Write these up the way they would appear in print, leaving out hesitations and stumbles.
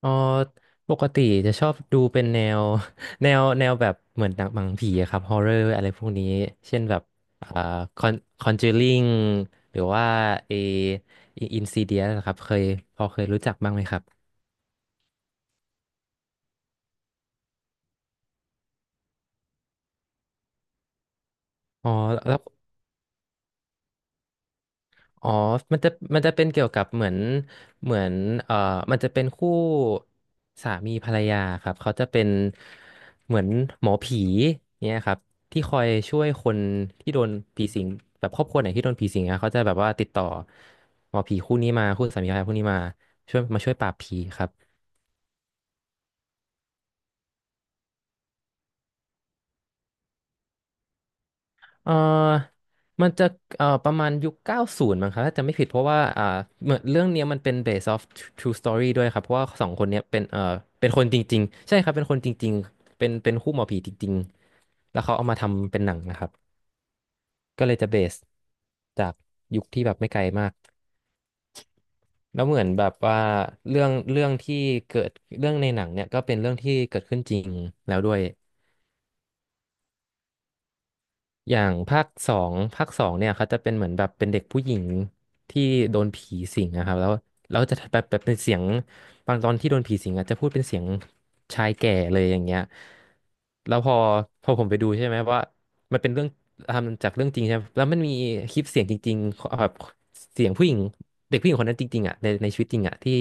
เอ๋อปกติจะชอบดูเป็นแนว แนวแบบเหมือนหนังผีอะครับฮอ r ์เรอร์อะไรพวกนี้เช่นแบบอ่าคอนคอนเจอริงหรือว่าเออินซีเดียนะครับเคยรู้จักบ้างไหมครับอ๋อแล้ว อ๋อมันจะมันจะเป็นเกี่ยวกับเหมือนเหมือนเอ่อมันจะเป็นคู่สามีภรรยาครับ เขาจะเป็นเหมือนหมอผีเนี่ยครับที่คอยช่วยคนที่โดนผีสิงแบบครอบครัวไหนที่โดนผีสิงอะเขาจะแบบว่าติดต่อหมอผีคู่นี้มาคู่สามีภรรยาคู่นี้มาช่วยมาช่วยปราบผีครับ เออมันจะประมาณยุค90มั้งครับถ้าจะไม่ผิดเพราะว่าเหมือนเรื่องเนี้ยมันเป็น based off true story ด้วยครับเพราะว่าสองคนเนี้ยเป็นเป็นคนจริงๆใช่ครับเป็นคนจริงๆเป็นคู่หมอผีจริงๆแล้วเขาเอามาทำเป็นหนังนะครับก็เลยจะ base จากยุคที่แบบไม่ไกลมากแล้วเหมือนแบบว่าเรื่องที่เกิดเรื่องในหนังเนี่ยก็เป็นเรื่องที่เกิดขึ้นจริงแล้วด้วย อย่างภาคสองเนี่ยเขาจะเป็นเหมือนแบบเป็นเด็กผู้หญิงที่โดนผีสิงนะครับแล้วจะแบบเป็นเสียงบางตอนที่โดนผีสิงอ่ะจะพูดเป็นเสียงชายแก่เลยอย่างเงี้ยแล้วพอผมไปดูใช่ไหมว่ามันเป็นเรื่องทำจากเรื่องจริงใช่ไหมแล้วมันมีคลิปเสียงจริงๆแบบเสียงผู้หญิงเด็กผู้หญิงคนนั้นจริงๆอ่ะในชีวิตจริงอ่ะที่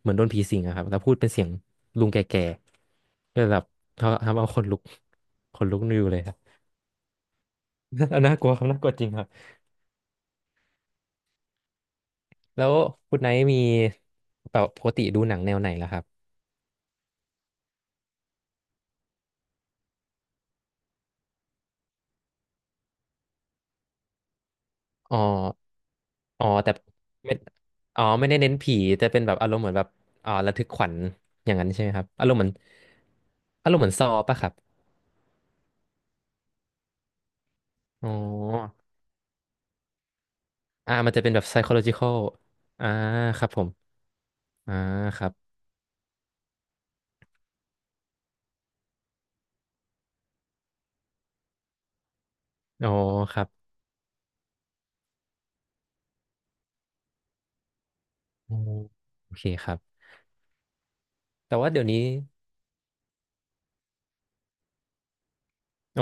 เหมือนโดนผีสิงอะครับแล้วพูดเป็นเสียงลุงแก่ๆก็เลยแบบเขาทำเอาขนลุกขนลุกนยวเลยครับ น่ากลัวครับน่ากลัวจริงครับแล้วคุณไนท์มีแบบปกติดูหนังแนวไหนล่ะครับอ๋ออ๋อแต่ไม่อ๋อไม่ได้เน้นผีแต่เป็นแบบอารมณ์เหมือนแบบอ๋อระทึกขวัญอย่างนั้นใช่ไหมครับอารมณ์เหมือนซอป่ะครับอ๋อมันจะเป็นแบบ psychological อ่าครับผมอ่าครับอ๋อครับอ๋อโอเคครับแต่ว่าเดี๋ยวนี้ โอ้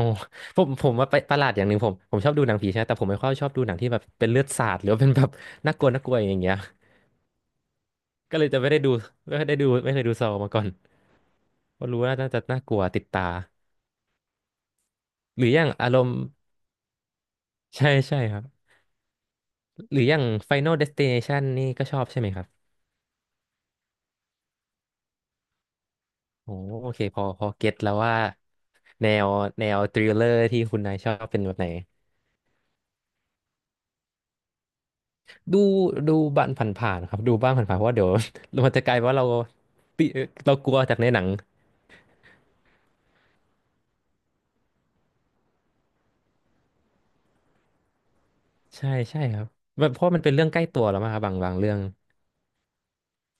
ผมว่าไปประหลาดอย่างหนึ่งผมชอบดูหนังผีใช่ไหมแต่ผมไม่ค่อยชอบดูหนังที่แบบเป็นเลือดสาดหรือว่าเป็นแบบน่ากลัวอย่างเงี้ยก็เลยจะไม่ได้ดูไม่เคยดูซอมาก่อนเพราะรู้ว่าน่าจะน่ากลัวติดตาหรืออย่างอารมณ์ใช่ครับหรืออย่าง Final Destination นี่ก็ชอบใช่ไหมครับโอ้โอเคพอเก็ตแล้วว่าแนวแนวทริลเลอร์ที่คุณนายชอบเป็นแบบไหนดูดูบ้านผ่านๆครับดูบ้างผ่านๆเพราะว่าเดี๋ยว มันจะกลายว่าเราติเรากลัวจากในหนัง ใช่ครับแบบเพราะมันเป็นเรื่องใกล้ตัวแล้วมั้งครับบางเรื่อง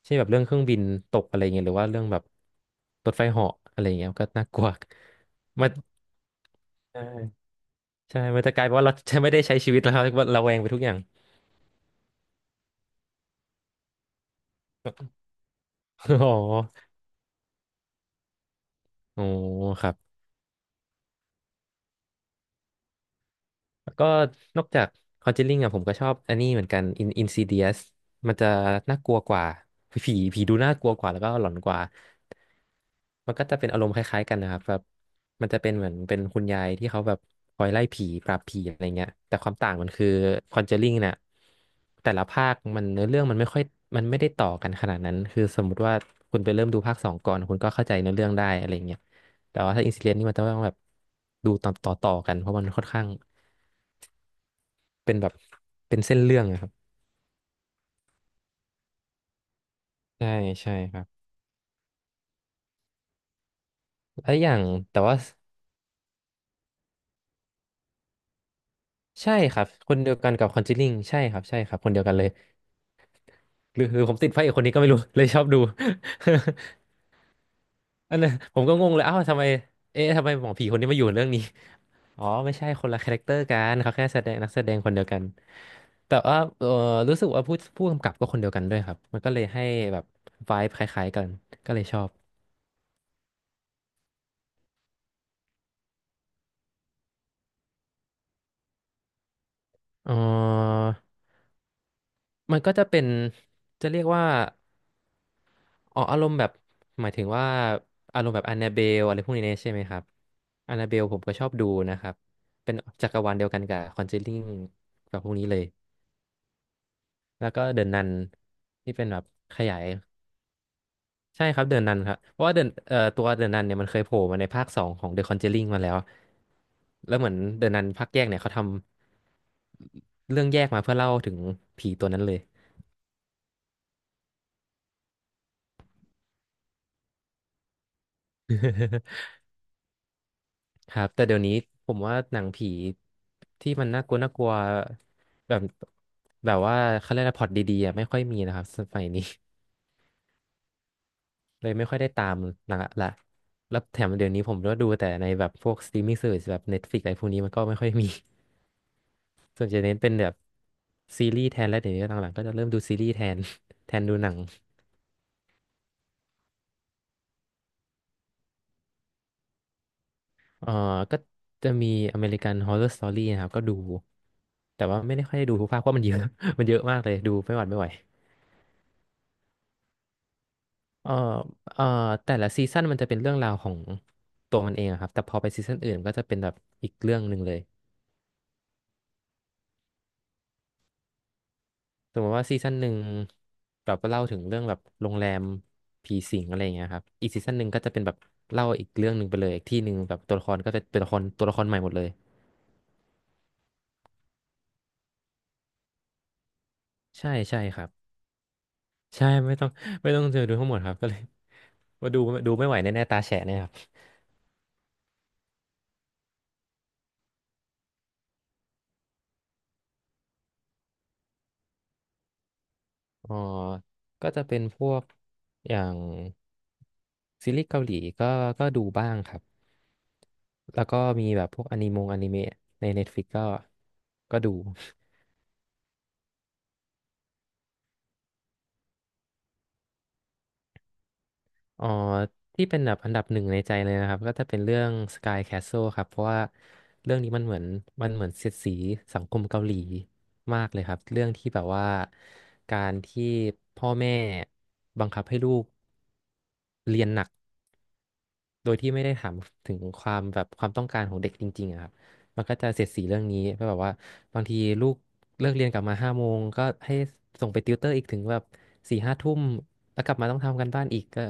เช่นแบบเรื่องเครื่องบินตกอะไรเงี้ยหรือว่าเรื่องแบบรถไฟเหาะอะไรเงี้ยมันก็น่ากลัวมันใช่ใช่มันจะกลายเป็นว่าเราจะไม่ได้ใช้ชีวิตแล้ว ครับว่าระแวงไปทุกอย่าง อ๋อโอ้ครับแล้วก็นอกจาก Conjuring อ่ะผมก็ชอบอันนี้เหมือนกัน In Insidious มันจะน่ากลัวกว่าผีดูน่ากลัวกว่าแล้วก็หลอนกว่า มันก็จะเป็นอารมณ์คล้ายๆกันนะครับแบบมันจะเป็นเหมือนเป็นคุณยายที่เขาแบบคอยไล่ผีปราบผีอะไรเงี้ยแต่ความต่างมันคือคอนเจอริงเนี่ยแต่ละภาคมันเนื้อเรื่องมันไม่ค่อยมันไม่ได้ต่อกันขนาดนั้นคือสมมุติว่าคุณไปเริ่มดูภาคสองก่อนคุณก็เข้าใจเนื้อเรื่องได้อะไรเงี้ยแต่ว่าถ้าอินซิเดนนี่มันจะต้องแบบดูตอนต่อกันเพราะมันค่อนข้างเป็นแบบเป็นเส้นเรื่องอะครับใช่ใช่ครับแล้วอย่างแต่ว่าใช่ครับคนเดียวกันกับคอนจอลิงใช่ครับใช่ครับคนเดียวกันเลย หรือผมติดพระเอกคนนี้ก็ไม่รู้ เลยชอบดู อันนั้นผมก็งงเลยเอ้าวทำไมเอ๊ะทำไมหมอผีคนนี้มาอยู่เรื่องนี้อ๋อไม่ใช่คนละคาแรคเตอร์กันเขาแค่แสดงนักแสดงคนเดียวกันแต่ว่ารู้สึกว่าผู้กำกับก็คนเดียวกันด้วยครับมันก็เลยให้แบบไวบ์คล้ายๆกันก็เลยชอบเออมันก็จะเป็นจะเรียกว่า อ๋ออารมณ์แบบหมายถึงว่าอารมณ์แบบ a น n นาเบลอะไรพวกนี้ใช่ไหมครับ a น n นาเบลผมก็ชอบดูนะครับเป็นจักรวาลเดียวกันกับConjuringกับพวกนี้เลยแล้วก็เดอนนันที่เป็นแบบขยายใช่ครับเดอนนันครับเพราะว่าเดนตัวเดอนนันเนี่ยมันเคยโผล่มาในภาค 2ของThe Conjuringมาแล้วแล้วเหมือนเดอนนันภาคแยกเนี่ยเขาทำเรื่องแยกมาเพื่อเล่าถึงผีตัวนั้นเลย ครับแต่เดี๋ยวนี้ผมว่าหนังผีที่มันน่ากลัวน่ากลัวแบบแบบว่าเขาเรียกอะไรพล็อตดีๆอะไม่ค่อยมีนะครับสมัยนี้ เลยไม่ค่อยได้ตามหนังละแล้วแถมเดี๋ยวนี้ผมก็ดูแต่ในแบบพวกสตรีมมิ่งเซอร์แบบ Netflix อะไรพวกนี้มันก็ไม่ค่อยมี ส่วนจะเน้นเป็นแบบซีรีส์แทนแล้วเดี๋ยวนี้หลังๆก็จะเริ่มดูซีรีส์แทน แทนดูหนังเอ่อก็จะมีอเมริกัน Horror Story นะครับก็ดูแต่ว่าไม่ได้ค่อยได้ดูทุกภาคเพราะมันเยอะ มันเยอะมากเลยดูไม่หวัดไม่ไหว เอ่อเอ่อแต่ละซีซั่นมันจะเป็นเรื่องราวของตัวมันเองอะครับ แต่พอไปซีซั่นอื่นก็จะเป็นแบบอีกเรื่องหนึ่งเลยสมมติว่าซีซั่นหนึ่งแบบเล่าถึงเรื่องแบบโรงแรมผีสิงอะไรอย่างเงี้ยครับอีกซีซั่นหนึ่งก็จะเป็นแบบเล่าอีกเรื่องหนึ่งไปเลยอีกที่หนึ่งแบบตัวละครก็จะเป็นตัวละครใหม่หมดเลย ใช่ ใช่ครับใช่ไม่ต้องไม่ต้องเจอดูทั้งหมดครับก็เลย ว่าดูดูไม่ไหวแน่ๆตาแฉะแน่ยครับ อ๋อก็จะเป็นพวกอย่างซีรีส์เกาหลีก็ก็ดูบ้างครับ แล้วก็มีแบบพวกอนิมงอนิเมะใน Netflix ก็ก็ดูอ๋อที่เป็นแบบอันดับหนึ่งในใจเลยนะครับก็จะเป็นเรื่อง Sky Castle ครับเพราะว่าเรื่องนี้มันเหมือนมันเหมือนเสียดสีสังคมเกาหลีมากเลยครับเรื่องที่แบบว่าการที่พ่อแม่บังคับให้ลูกเรียนหนัก โดยที่ไม่ได้ถามถึงความแบบความต้องการของเด็กจริงๆอะครับมันก็จะเสียดสีเรื่องนี้เพราะแบบว่าบางทีลูกเลิกเรียนกลับมา5 โมงก็ให้ส่งไปติวเตอร์อีกถึงแบบสี่ห้าทุ่มแล้วกลับมาต้องทำกันบ้านอีกก็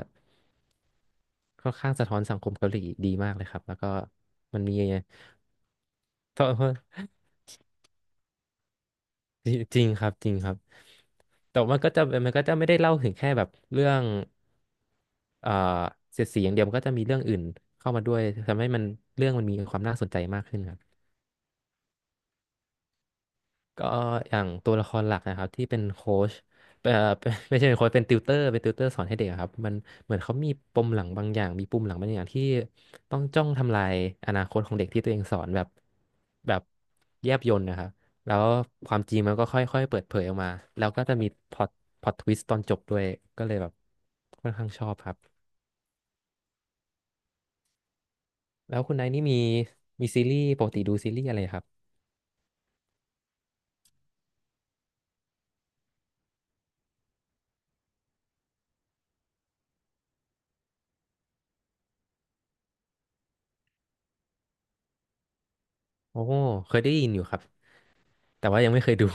ค่อนข้างสะท้อนสังคมเกาหลีดีมากเลยครับแล้วก็มันมี โทษ จริงจริงครับจริงครับแต่มันก็จะไม่ได้เล่าถึงแค่แบบเรื่องเอ่อเสียดสีอย่างเดียวมันก็จะมีเรื่องอื่นเข้ามาด้วยทำให้มันเรื่องมันมีความน่าสนใจมากขึ้นครับ ก็อย่างตัวละครหลักนะครับที่เป็นโค้ชเอ่อ เป็นไม่ใช่เป็นโค้ชเป็นติวเตอร์เป็นติวเตอร์สอนให้เด็กอะครับมันเหมือนเขามีปมหลังบางอย่างมีปุ่มหลังบางอย่างที่ต้องจ้องทำลายอนาคตของเด็กที่ตัวเองสอนแบบแบบแยบยลนะครับแล้วความจริงมันก็ค่อยๆเปิดเผยออกมาแล้วก็จะมีพล็อตพล็อตทวิสต์ตอนจบด้วยก็เลยแบบค่อนข้างชอบครับแล้วคุณนายนี่มีมีซีรีส์ปกติดูซีรีส์อะไรครับโอ้เคยได้ยินอยู่ครับแต่ว่ายังไม่เคยดู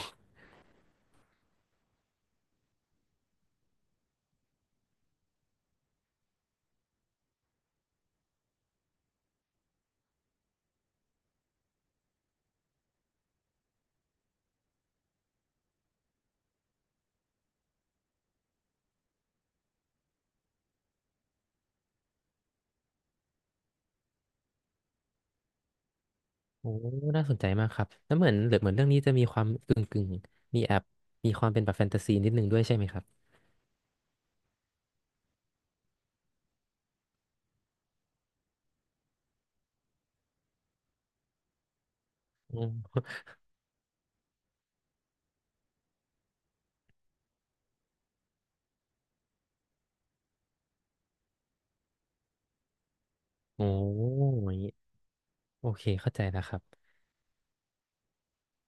โอ้น่าสนใจมากครับ แล้วเหมือนเหลือเหมือนเรื่องนี้จะมีความกึ่งกึ่งมีแอบมีความเป็นแบบแฟนตาซีนิดนึงด้วยใช่ไหมครับอืมโอ้โหอยางนี้โอเคเข้าใจแล้วครับ